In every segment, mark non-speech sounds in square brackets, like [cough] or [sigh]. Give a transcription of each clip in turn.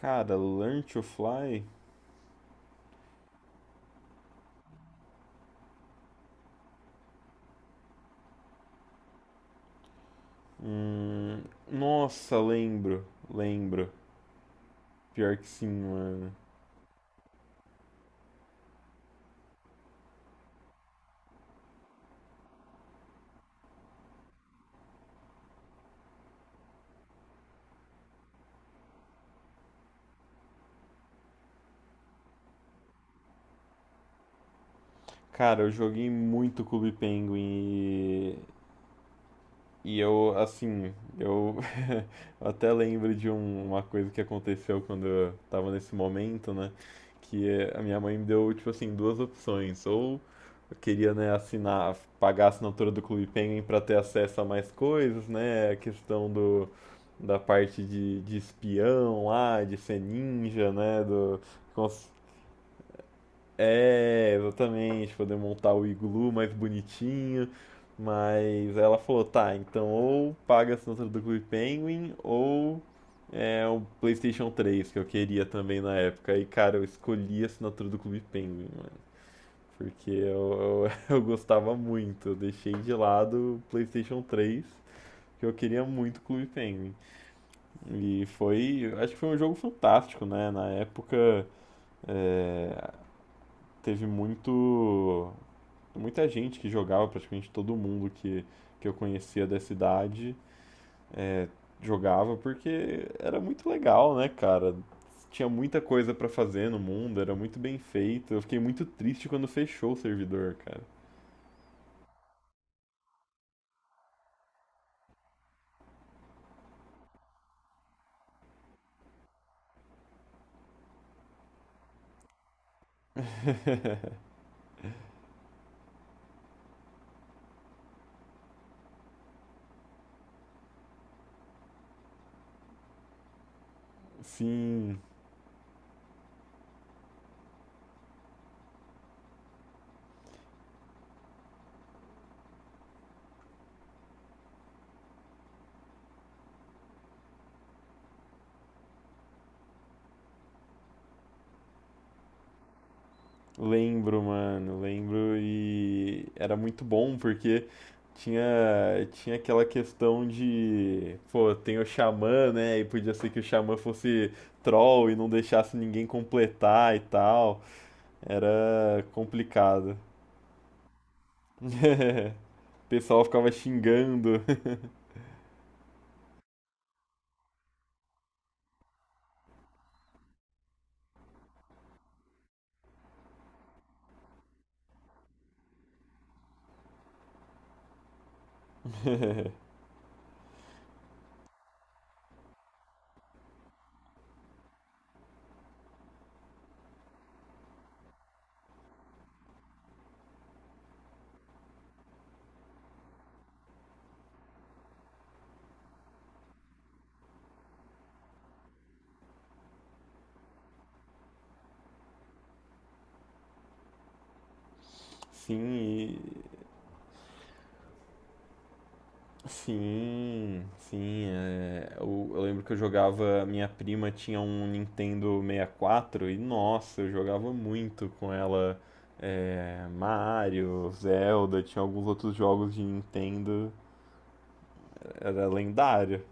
Cara, Learn to Fly? Hum, nossa, lembro, lembro. Pior que sim, mano. Cara, eu joguei muito Clube Penguin e eu [laughs] eu até lembro de uma coisa que aconteceu quando eu tava nesse momento, né? A minha mãe me deu, tipo assim, duas opções. Ou eu queria, né, assinar, pagar a assinatura do Clube Penguin pra ter acesso a mais coisas, né? A questão da parte de espião lá, de ser ninja, né? Cons- exatamente, poder montar o iglu mais bonitinho. Mas ela falou, tá, então ou paga a assinatura do Clube Penguin ou é o PlayStation 3 que eu queria também na época. E cara, eu escolhi a assinatura do Clube Penguin, mano, porque [laughs] eu gostava muito. Eu deixei de lado o PlayStation 3, que eu queria muito o Clube Penguin. E foi, acho que foi um jogo fantástico, né? Na época teve muito muita gente que jogava, praticamente todo mundo que eu conhecia da cidade jogava porque era muito legal, né, cara? Tinha muita coisa pra fazer no mundo, era muito bem feito. Eu fiquei muito triste quando fechou o servidor, cara. Sim. Lembro, mano, lembro e era muito bom porque tinha tinha aquela questão de, pô, tem o xamã, né? E podia ser que o xamã fosse troll e não deixasse ninguém completar e tal. Era complicado. O pessoal ficava xingando. [laughs] Sim. Sim, sim. Eu, lembro que eu jogava. Minha prima tinha um Nintendo 64 e, quatro e, nossa, eu jogava muito com ela. Mario, Zelda, tinha alguns outros jogos de Nintendo. Era lendário.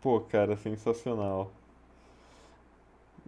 Pô, cara, sensacional.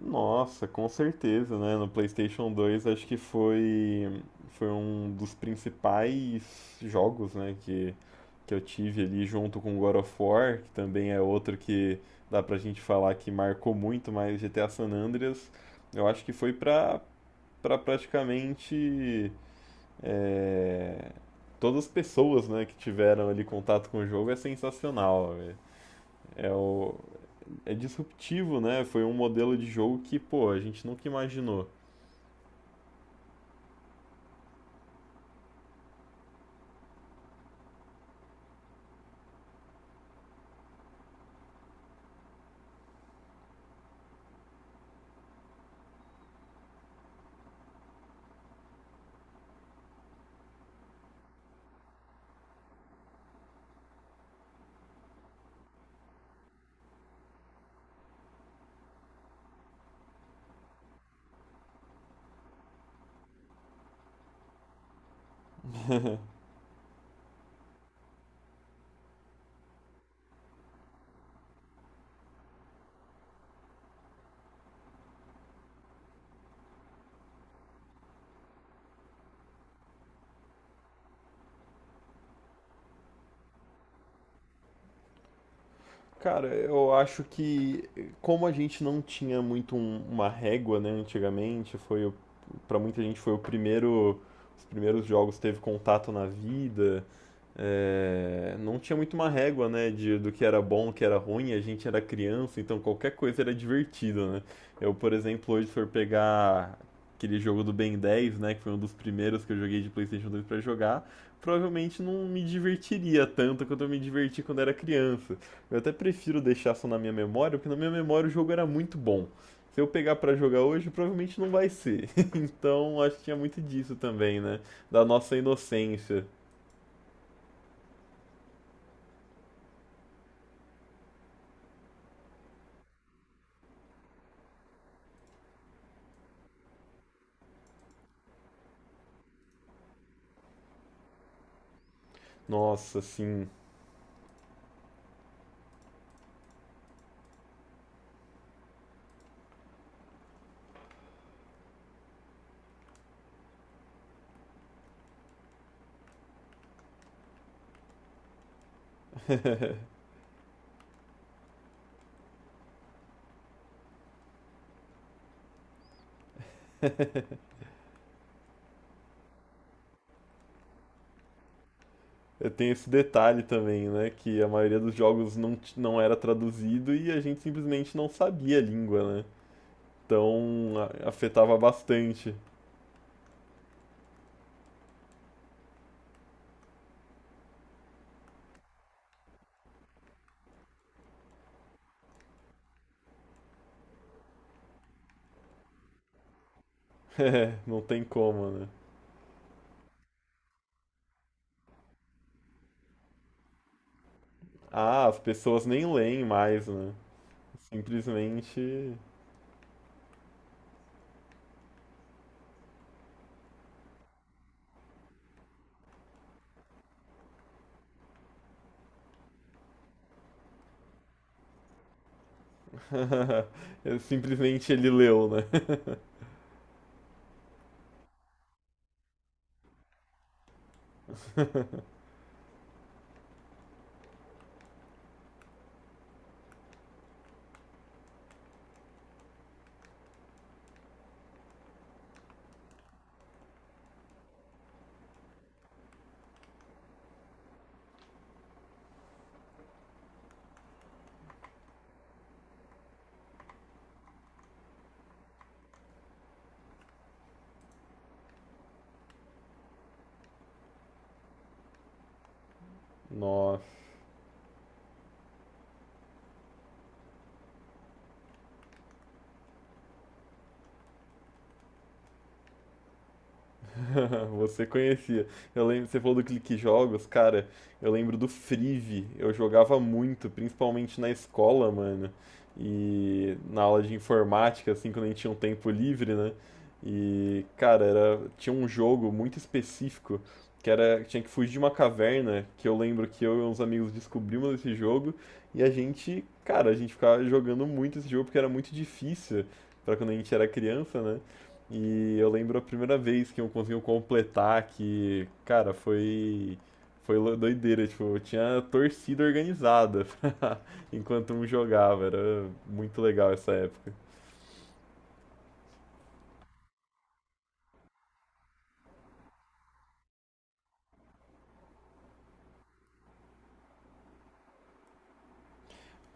Nossa, com certeza, né? No PlayStation 2 acho que foi um dos principais jogos, né, que eu tive ali junto com God of War, que também é outro que dá pra gente falar que marcou muito, mas GTA San Andreas, eu acho que foi pra praticamente é, todas as pessoas, né, que tiveram ali contato com o jogo, é sensacional, velho. É o, é disruptivo, né? Foi um modelo de jogo que, pô, a gente nunca imaginou. Cara, eu acho que como a gente não tinha muito uma régua, né, antigamente, para muita gente foi os primeiros jogos que teve contato na vida, não tinha muito uma régua, né, de, do que era bom, o que era ruim, a gente era criança, então qualquer coisa era divertido, né? Eu, por exemplo, hoje se for pegar aquele jogo do Ben 10, né, que foi um dos primeiros que eu joguei de PlayStation 2 pra jogar, provavelmente não me divertiria tanto quanto eu me diverti quando era criança. Eu até prefiro deixar só na minha memória, porque na minha memória o jogo era muito bom. Se eu pegar pra jogar hoje, provavelmente não vai ser. [laughs] Então, acho que tinha muito disso também, né? Da nossa inocência. Nossa, assim, eu tenho esse detalhe também, né? Que a maioria dos jogos não era traduzido e a gente simplesmente não sabia a língua, né? Então, afetava bastante. [laughs] É, não tem como, né? Ah, as pessoas nem leem mais, né? Simplesmente [laughs] simplesmente ele leu, né? Nossa. [laughs] Você conhecia. Eu lembro, você falou do Clique Jogos, cara, eu lembro do Frive. Eu jogava muito, principalmente na escola, mano. E na aula de informática, assim, quando a gente tinha um tempo livre, né? E, cara, tinha um jogo muito específico que tinha que fugir de uma caverna, que eu lembro que eu e uns amigos descobrimos esse jogo e a gente ficava jogando muito esse jogo porque era muito difícil pra quando a gente era criança, né? E eu lembro a primeira vez que eu consegui completar, que, cara, foi doideira, tipo, eu tinha torcida organizada [laughs] pra- enquanto um jogava, era muito legal essa época.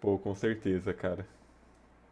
Pô, com certeza, cara.